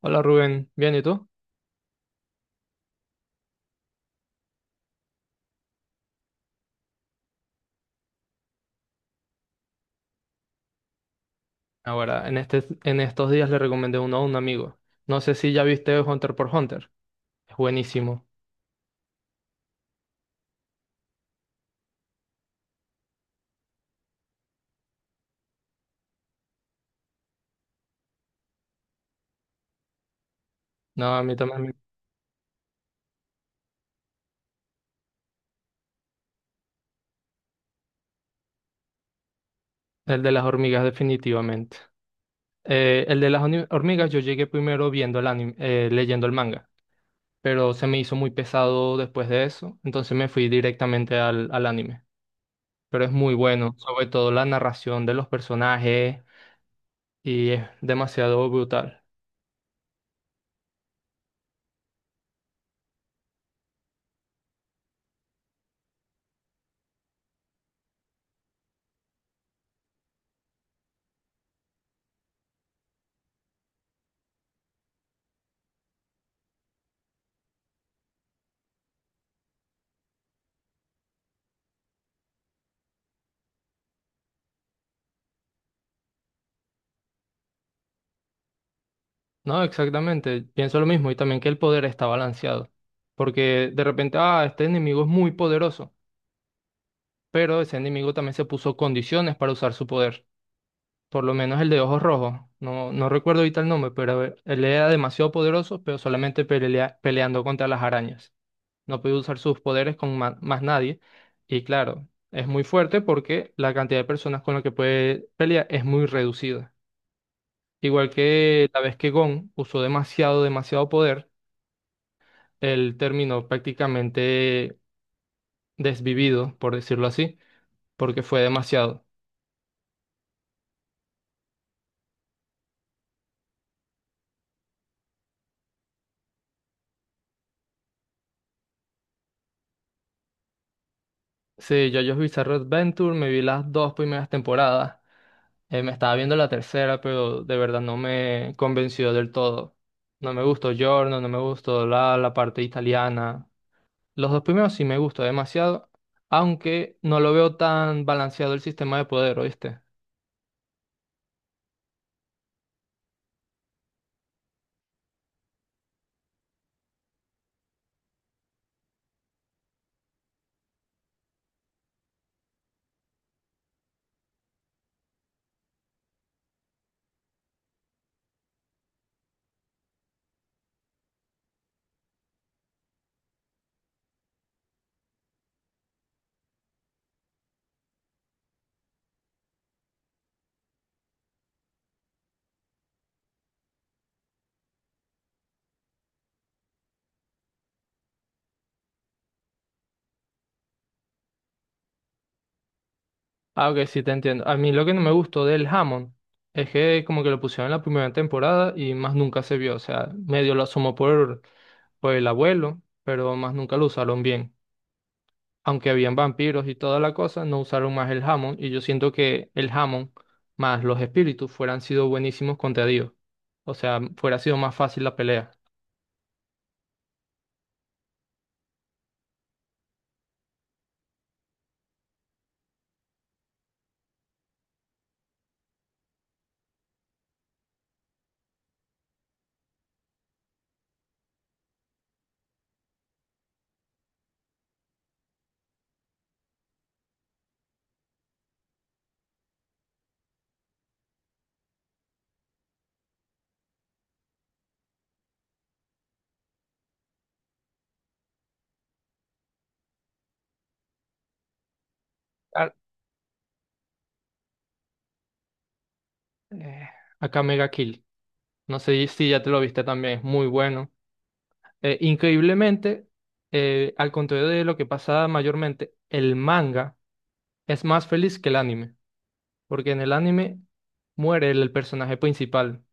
Hola Rubén, ¿bien y tú? Ahora, en estos días le recomendé uno a un amigo. No sé si ya viste Hunter por Hunter. Es buenísimo. No, a mí también. El de las hormigas, definitivamente. El de las hormigas, yo llegué primero viendo el anime, leyendo el manga, pero se me hizo muy pesado después de eso, entonces me fui directamente al anime. Pero es muy bueno, sobre todo la narración de los personajes y es demasiado brutal. No, exactamente. Pienso lo mismo y también que el poder está balanceado. Porque de repente, ah, este enemigo es muy poderoso, pero ese enemigo también se puso condiciones para usar su poder. Por lo menos el de ojos rojos. No recuerdo ahorita el nombre, pero a ver, él era demasiado poderoso, pero solamente peleando contra las arañas. No podía usar sus poderes con más nadie. Y claro, es muy fuerte porque la cantidad de personas con las que puede pelear es muy reducida. Igual que la vez que Gon usó demasiado poder. Él terminó prácticamente desvivido, por decirlo así, porque fue demasiado. Sí, yo Bizarre Adventure, me vi las dos primeras temporadas. Me estaba viendo la tercera, pero de verdad no me convenció del todo. No me gustó Giorno, no me gustó la parte italiana. Los dos primeros sí me gustó demasiado, aunque no lo veo tan balanceado el sistema de poder, ¿oíste? Ah, ok, sí, te entiendo. A mí lo que no me gustó del Hammond es que como que lo pusieron en la primera temporada y más nunca se vio. O sea, medio lo asomó por el abuelo, pero más nunca lo usaron bien. Aunque habían vampiros y toda la cosa, no usaron más el Hammond y yo siento que el Hammond más los espíritus fueran sido buenísimos contra Dios. O sea, fuera sido más fácil la pelea. Ah, eh, Acá Mega Kill. No sé si ya te lo viste también, es muy bueno. Increíblemente, al contrario de lo que pasa mayormente, el manga es más feliz que el anime, porque en el anime muere el personaje principal,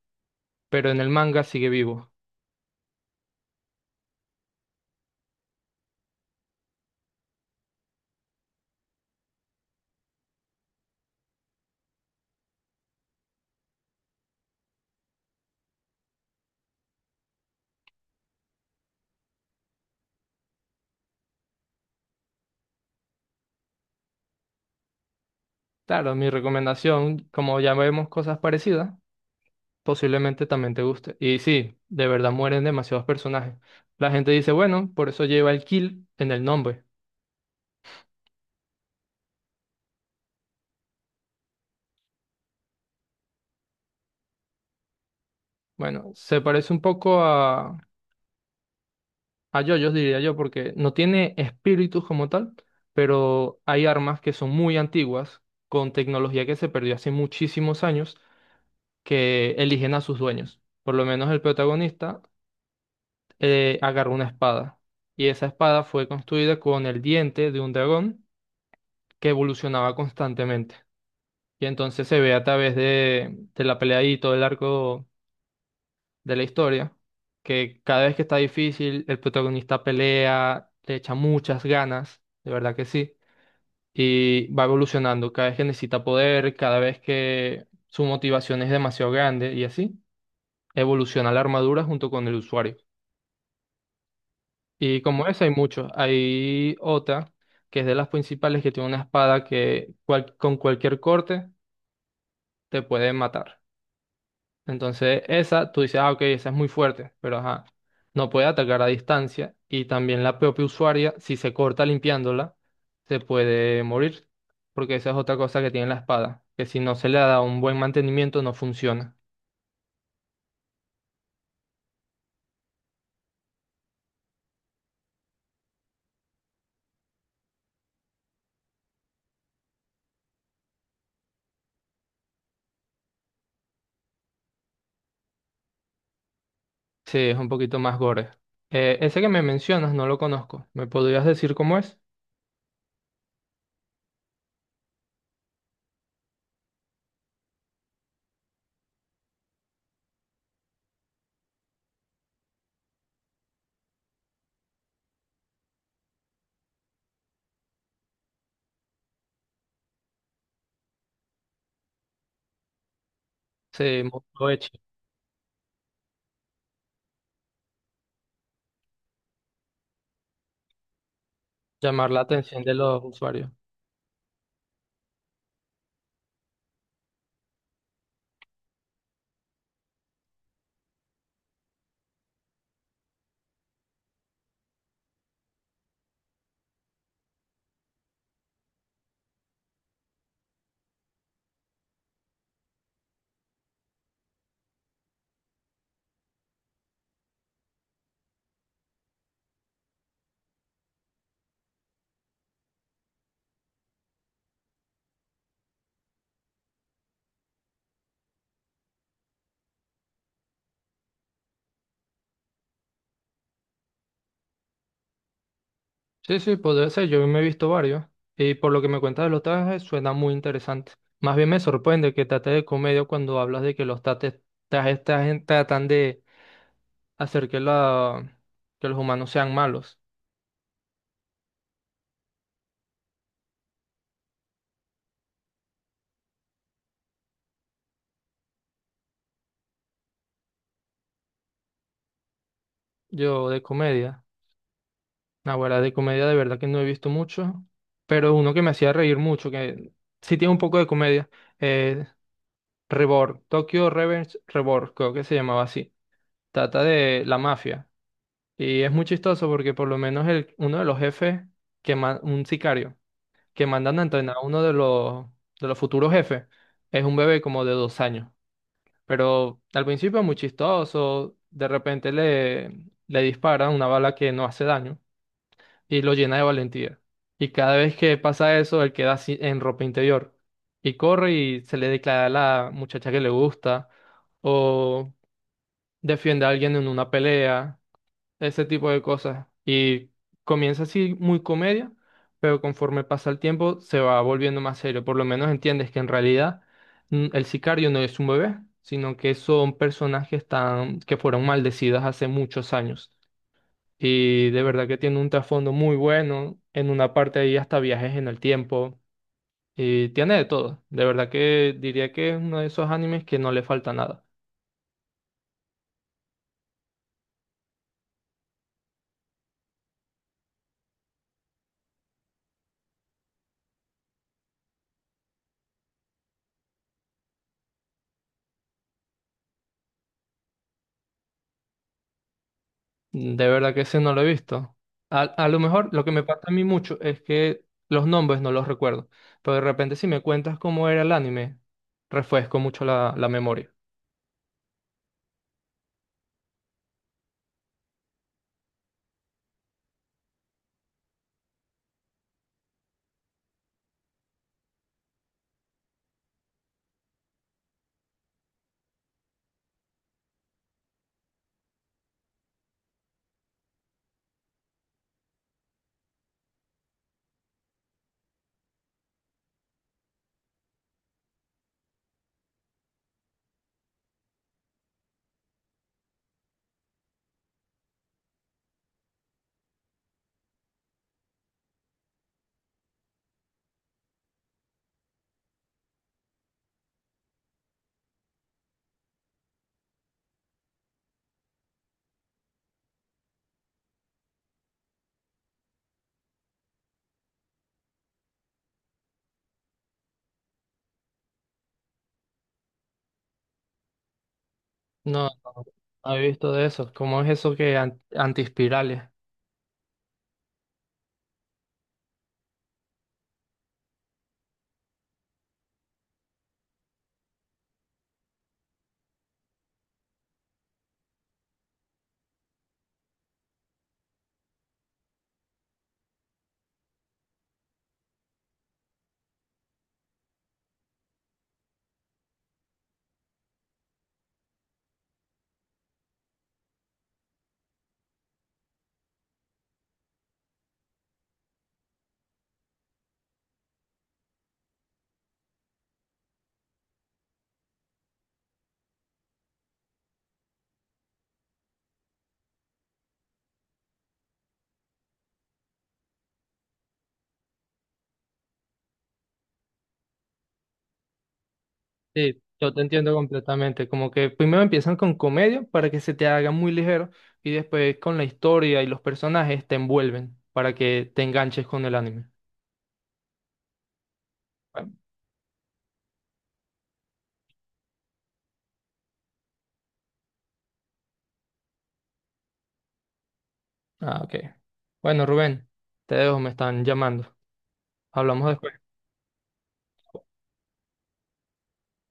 pero en el manga sigue vivo. Claro, mi recomendación, como ya vemos cosas parecidas, posiblemente también te guste. Y sí, de verdad mueren demasiados personajes. La gente dice, bueno, por eso lleva el kill en el nombre. Bueno, se parece un poco a yoyos, diría yo, porque no tiene espíritus como tal, pero hay armas que son muy antiguas, con tecnología que se perdió hace muchísimos años, que eligen a sus dueños. Por lo menos el protagonista agarró una espada, y esa espada fue construida con el diente de un dragón que evolucionaba constantemente. Y entonces se ve a través de la pelea y todo el arco de la historia, que cada vez que está difícil, el protagonista pelea, le echa muchas ganas, de verdad que sí, y va evolucionando cada vez que necesita poder, cada vez que su motivación es demasiado grande y así, evoluciona la armadura junto con el usuario. Y como esa hay muchos, hay otra que es de las principales que tiene una espada que con cualquier corte te puede matar. Entonces, esa, tú dices, ah, ok, esa es muy fuerte, pero ajá, no puede atacar a distancia y también la propia usuaria, si se corta limpiándola, se puede morir, porque esa es otra cosa que tiene la espada, que si no se le da un buen mantenimiento no funciona. Sí, es un poquito más gore. Ese que me mencionas no lo conozco, ¿me podrías decir cómo es? Lo eche, llamar la atención de los usuarios. Sí, sí, podría ser. Yo me he visto varios. Y por lo que me cuentas de los trajes, suena muy interesante. Más bien me sorprende que trate de comedia cuando hablas de que los trajes, tratan de hacer que, que los humanos sean malos. Yo de comedia. Ahora de comedia de verdad que no he visto mucho. Pero uno que me hacía reír mucho, que sí tiene un poco de comedia. Eh, Reborn, Tokyo Revenge Reborn, creo que se llamaba así. Trata de la mafia. Y es muy chistoso porque por lo menos uno de los jefes, que un sicario, que mandan a entrenar a uno de de los futuros jefes, es un bebé como de 2 años. Pero al principio es muy chistoso, de repente le dispara una bala que no hace daño y lo llena de valentía. Y cada vez que pasa eso, él queda así en ropa interior y corre y se le declara a la muchacha que le gusta o defiende a alguien en una pelea, ese tipo de cosas. Y comienza así muy comedia, pero conforme pasa el tiempo se va volviendo más serio. Por lo menos entiendes que en realidad, mm, el sicario no es un bebé, sino que son personajes tan, que fueron maldecidas hace muchos años. Y de verdad que tiene un trasfondo muy bueno. En una parte ahí hasta viajes en el tiempo. Y tiene de todo. De verdad que diría que es uno de esos animes que no le falta nada. De verdad que ese no lo he visto. A lo mejor lo que me pasa a mí mucho es que los nombres no los recuerdo, pero de repente si me cuentas cómo era el anime, refresco mucho la memoria. No, no he visto de eso. ¿Cómo es eso que antiespirales? Sí, yo te entiendo completamente. Como que primero empiezan con comedia para que se te haga muy ligero y después con la historia y los personajes te envuelven para que te enganches con el anime. Bueno. Ah, ok. Bueno, Rubén, te dejo, me están llamando. Hablamos después.